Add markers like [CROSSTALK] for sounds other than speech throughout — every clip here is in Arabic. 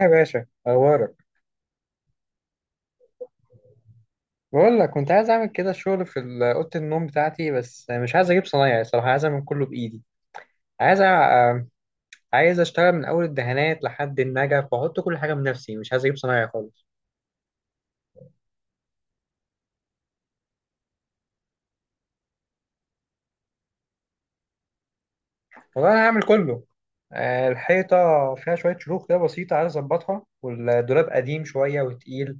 يا باشا اخبارك. بقول لك كنت عايز اعمل كده شغل في اوضه النوم بتاعتي، بس مش عايز اجيب صنايعي، صراحه عايز اعمل كله بايدي. عايز أ... آه، عايز اشتغل من اول الدهانات لحد النجف واحط كل حاجه بنفسي، مش عايز اجيب صنايعي خالص. والله انا هعمل كله. آه، الحيطه فيها شويه شروخ كده بسيطه عايز اظبطها، والدولاب قديم شويه وتقيل،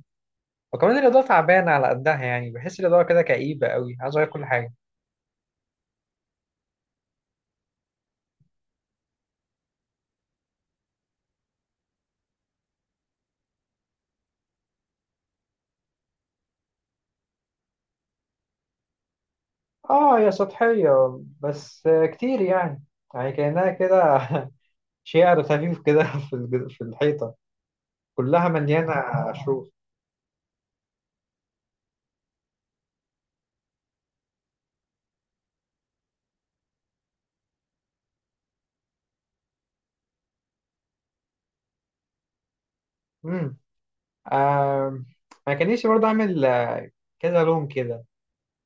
وكمان الاضاءه تعبانه على قدها، يعني بحس الاضاءه كده كئيبه قوي، عايز اغير كل حاجه. اه، هي سطحيه بس كتير يعني. يعني كأنها كده [LAUGHS] شعر خفيف كده [LAUGHS] في في الحيطة كلها مليانة شروخ. امم آم، ما كان نفسي برضه أعمل كذا لون كده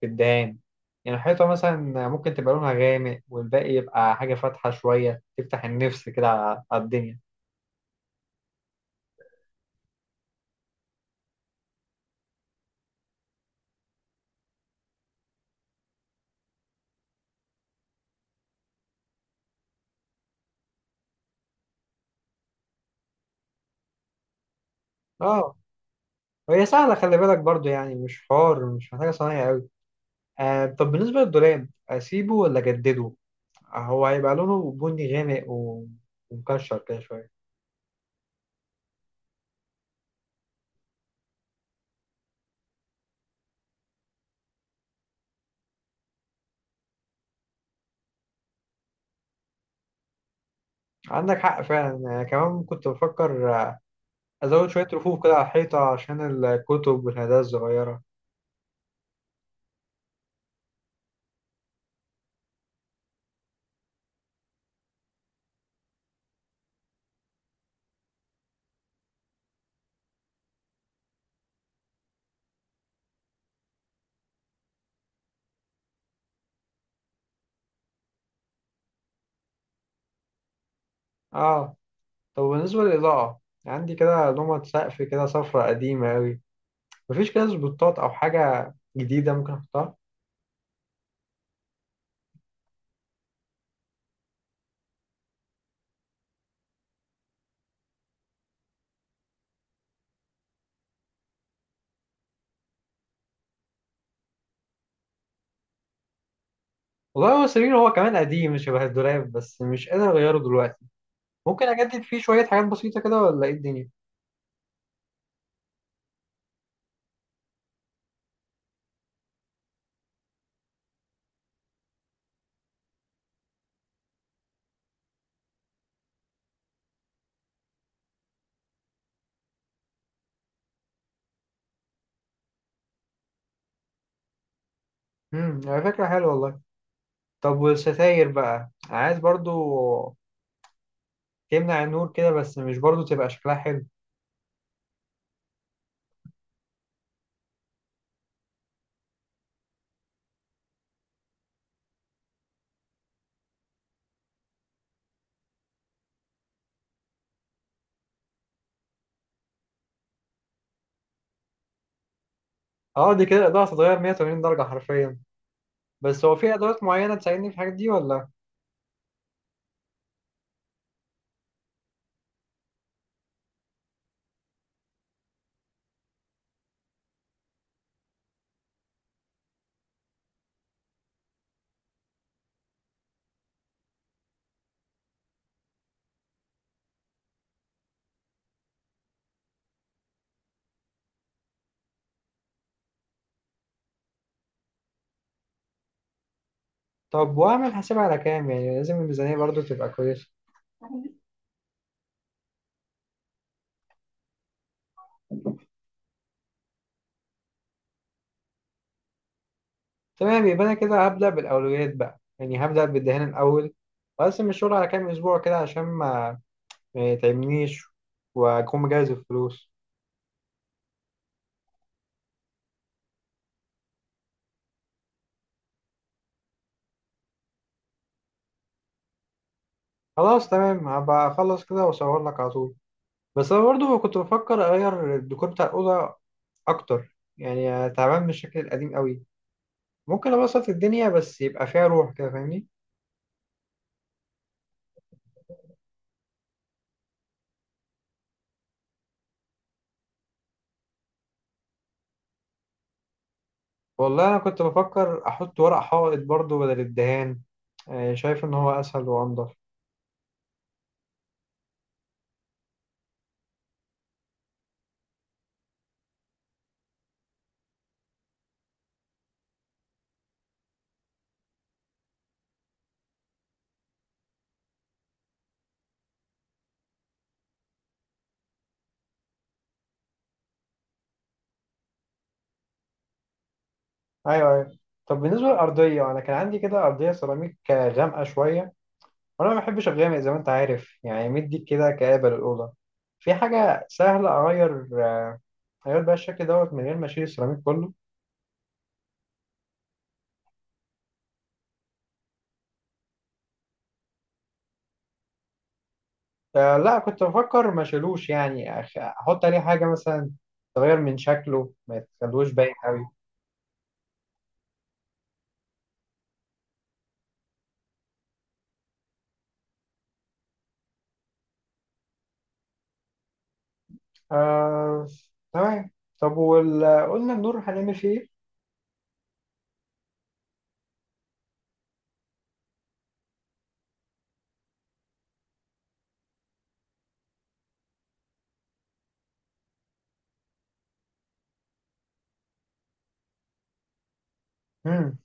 في الدهان. يعني الحيطة مثلا ممكن تبقى لونها غامق والباقي يبقى حاجة فاتحة شوية، تفتح النفس كده على على الدنيا. اه. وهي سهلة، خلي بالك برضه يعني، مش حوار، مش محتاجة صنايع أوي. آه، طب بالنسبة للدولاب أسيبه ولا أجدده؟ آه، هو هيبقى لونه بني غامق ومكشر كده شوية. عندك حق فعلا، أنا كمان كنت بفكر أزود شوية رفوف كده على الحيطة عشان الكتب والهدايا الصغيرة. آه، طب بالنسبة للإضاءة، عندي كده لومة سقف كده صفرة قديمة أوي، مفيش كده سبوتات أو حاجة جديدة ممكن أحطها. والله هو السرير هو كمان قديم شبه الدولاب، بس مش قادر أغيره دلوقتي. ممكن أجدد فيه شوية حاجات بسيطة كده، ولا إيه الدنيا؟ امم، على فكرة حلوة والله. طب والستاير بقى، عايز برضو تمنع النور كده، بس مش برضو تبقى شكلها حلو. اه، دي كده الإضاءة هتتغير 180 درجة حرفيا. بس هو في ادوات معينه تساعدني في الحاجات دي ولا؟ طب واعمل حساب على كام؟ يعني لازم الميزانيه برضو تبقى كويسه. تمام، يبقى انا كده هبدا بالاولويات بقى، يعني هبدا بالدهان الاول، واقسم الشغل على كام اسبوع كده عشان ما يتعبنيش، واكون مجهز الفلوس. خلاص تمام، هبقى اخلص كده واصور لك على طول. بس انا برضو كنت بفكر اغير الديكور بتاع الاوضه اكتر، يعني تعبان من الشكل القديم قوي. ممكن ابسط الدنيا بس يبقى فيها روح كده، فاهمني. والله أنا كنت بفكر أحط ورق حائط برضو بدل الدهان، آه، شايف إن هو أسهل وأنضف. ايوه ايوه. طب بالنسبة للأرضية، أنا كان عندي كده أرضية سيراميك آه، غامقة شوية، وأنا ما بحبش الغامق زي ما أنت عارف، يعني مدي كده كآبة للأوضة. في حاجة سهلة أغير أغير بقى الشكل دوت من غير ما أشيل السيراميك كله؟ آه لا، كنت بفكر ما أشيلوش يعني، أحط عليه حاجة مثلا تغير من شكله ما يتخلوش باين أوي. آه، تمام. طب قلنا النور هنعمل فيه إيه؟ امم،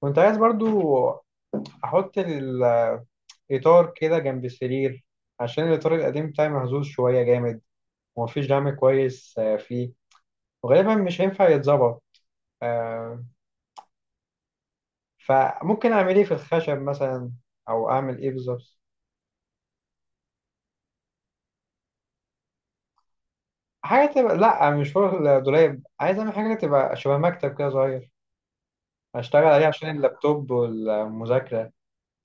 كنت عايز برضو احط الاطار كده جنب السرير، عشان الاطار القديم بتاعي مهزوز شويه جامد، ومفيش دعم كويس آه، فيه، وغالبا مش هينفع يتظبط. آه، فممكن اعمل ايه في الخشب مثلا، او اعمل ايه بالظبط؟ حاجه تبقى، لا مش شغل دولاب، عايز اعمل حاجه تبقى شبه مكتب كده صغير، اشتغل عليه عشان اللابتوب والمذاكره.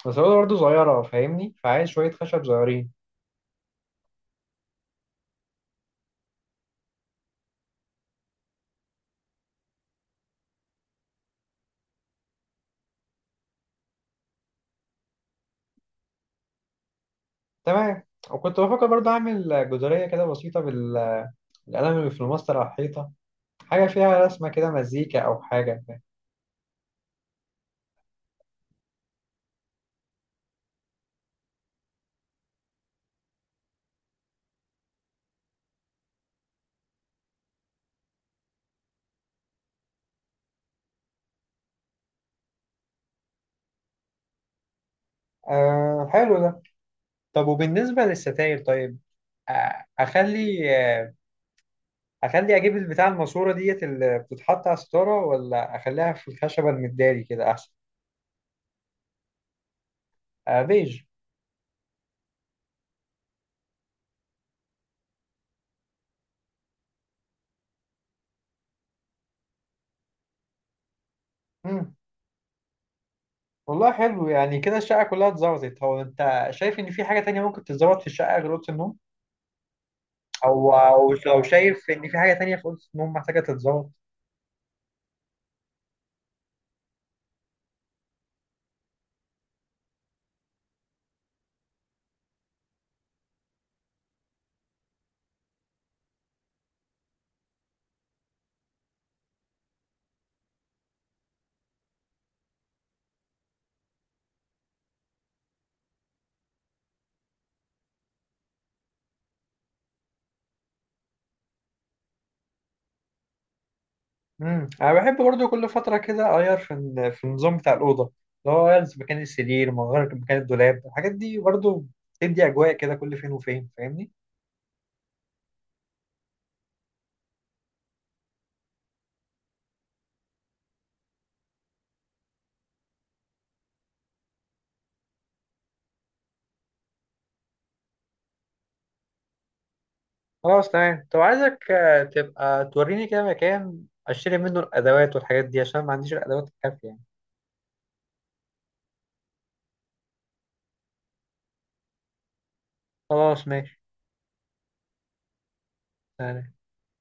بس هو برضه صغيره فاهمني، فعايز شويه خشب صغيرين. تمام. وكنت بفكر برضه اعمل جداريه كده بسيطه بال القلم اللي في الماستر على الحيطة، حاجة فيها رسمة كده مزيكا أو حاجة. آه حلو ده. طب وبالنسبة للستاير طيب، آه، أخلي آه، أخلي أجيب البتاع الماسورة ديت اللي بتتحط على الستارة، ولا أخليها في الخشبة المداري كده أحسن؟ آه بيج. مم. والله حلو، يعني كده الشقة كلها اتظبطت. هو أنت شايف إن في حاجة تانية ممكن تتظبط في الشقة غير أوضة النوم؟ أو شايف إن في حاجة تانية في أوضة النوم محتاجة تتظبط؟ امم، انا بحب برضو كل فتره كده اغير في في النظام بتاع الاوضه، اللي هو اغير في مكان السرير، اغير في مكان الدولاب، الحاجات دي برضو بتدي اجواء كده كل فين وفين، فاهمني. خلاص تمام. طب عايزك آه، تبقى توريني كده مكان اشتري منه الادوات والحاجات دي، عشان ما عنديش الادوات الكافيه يعني. خلاص ماشي. تمام.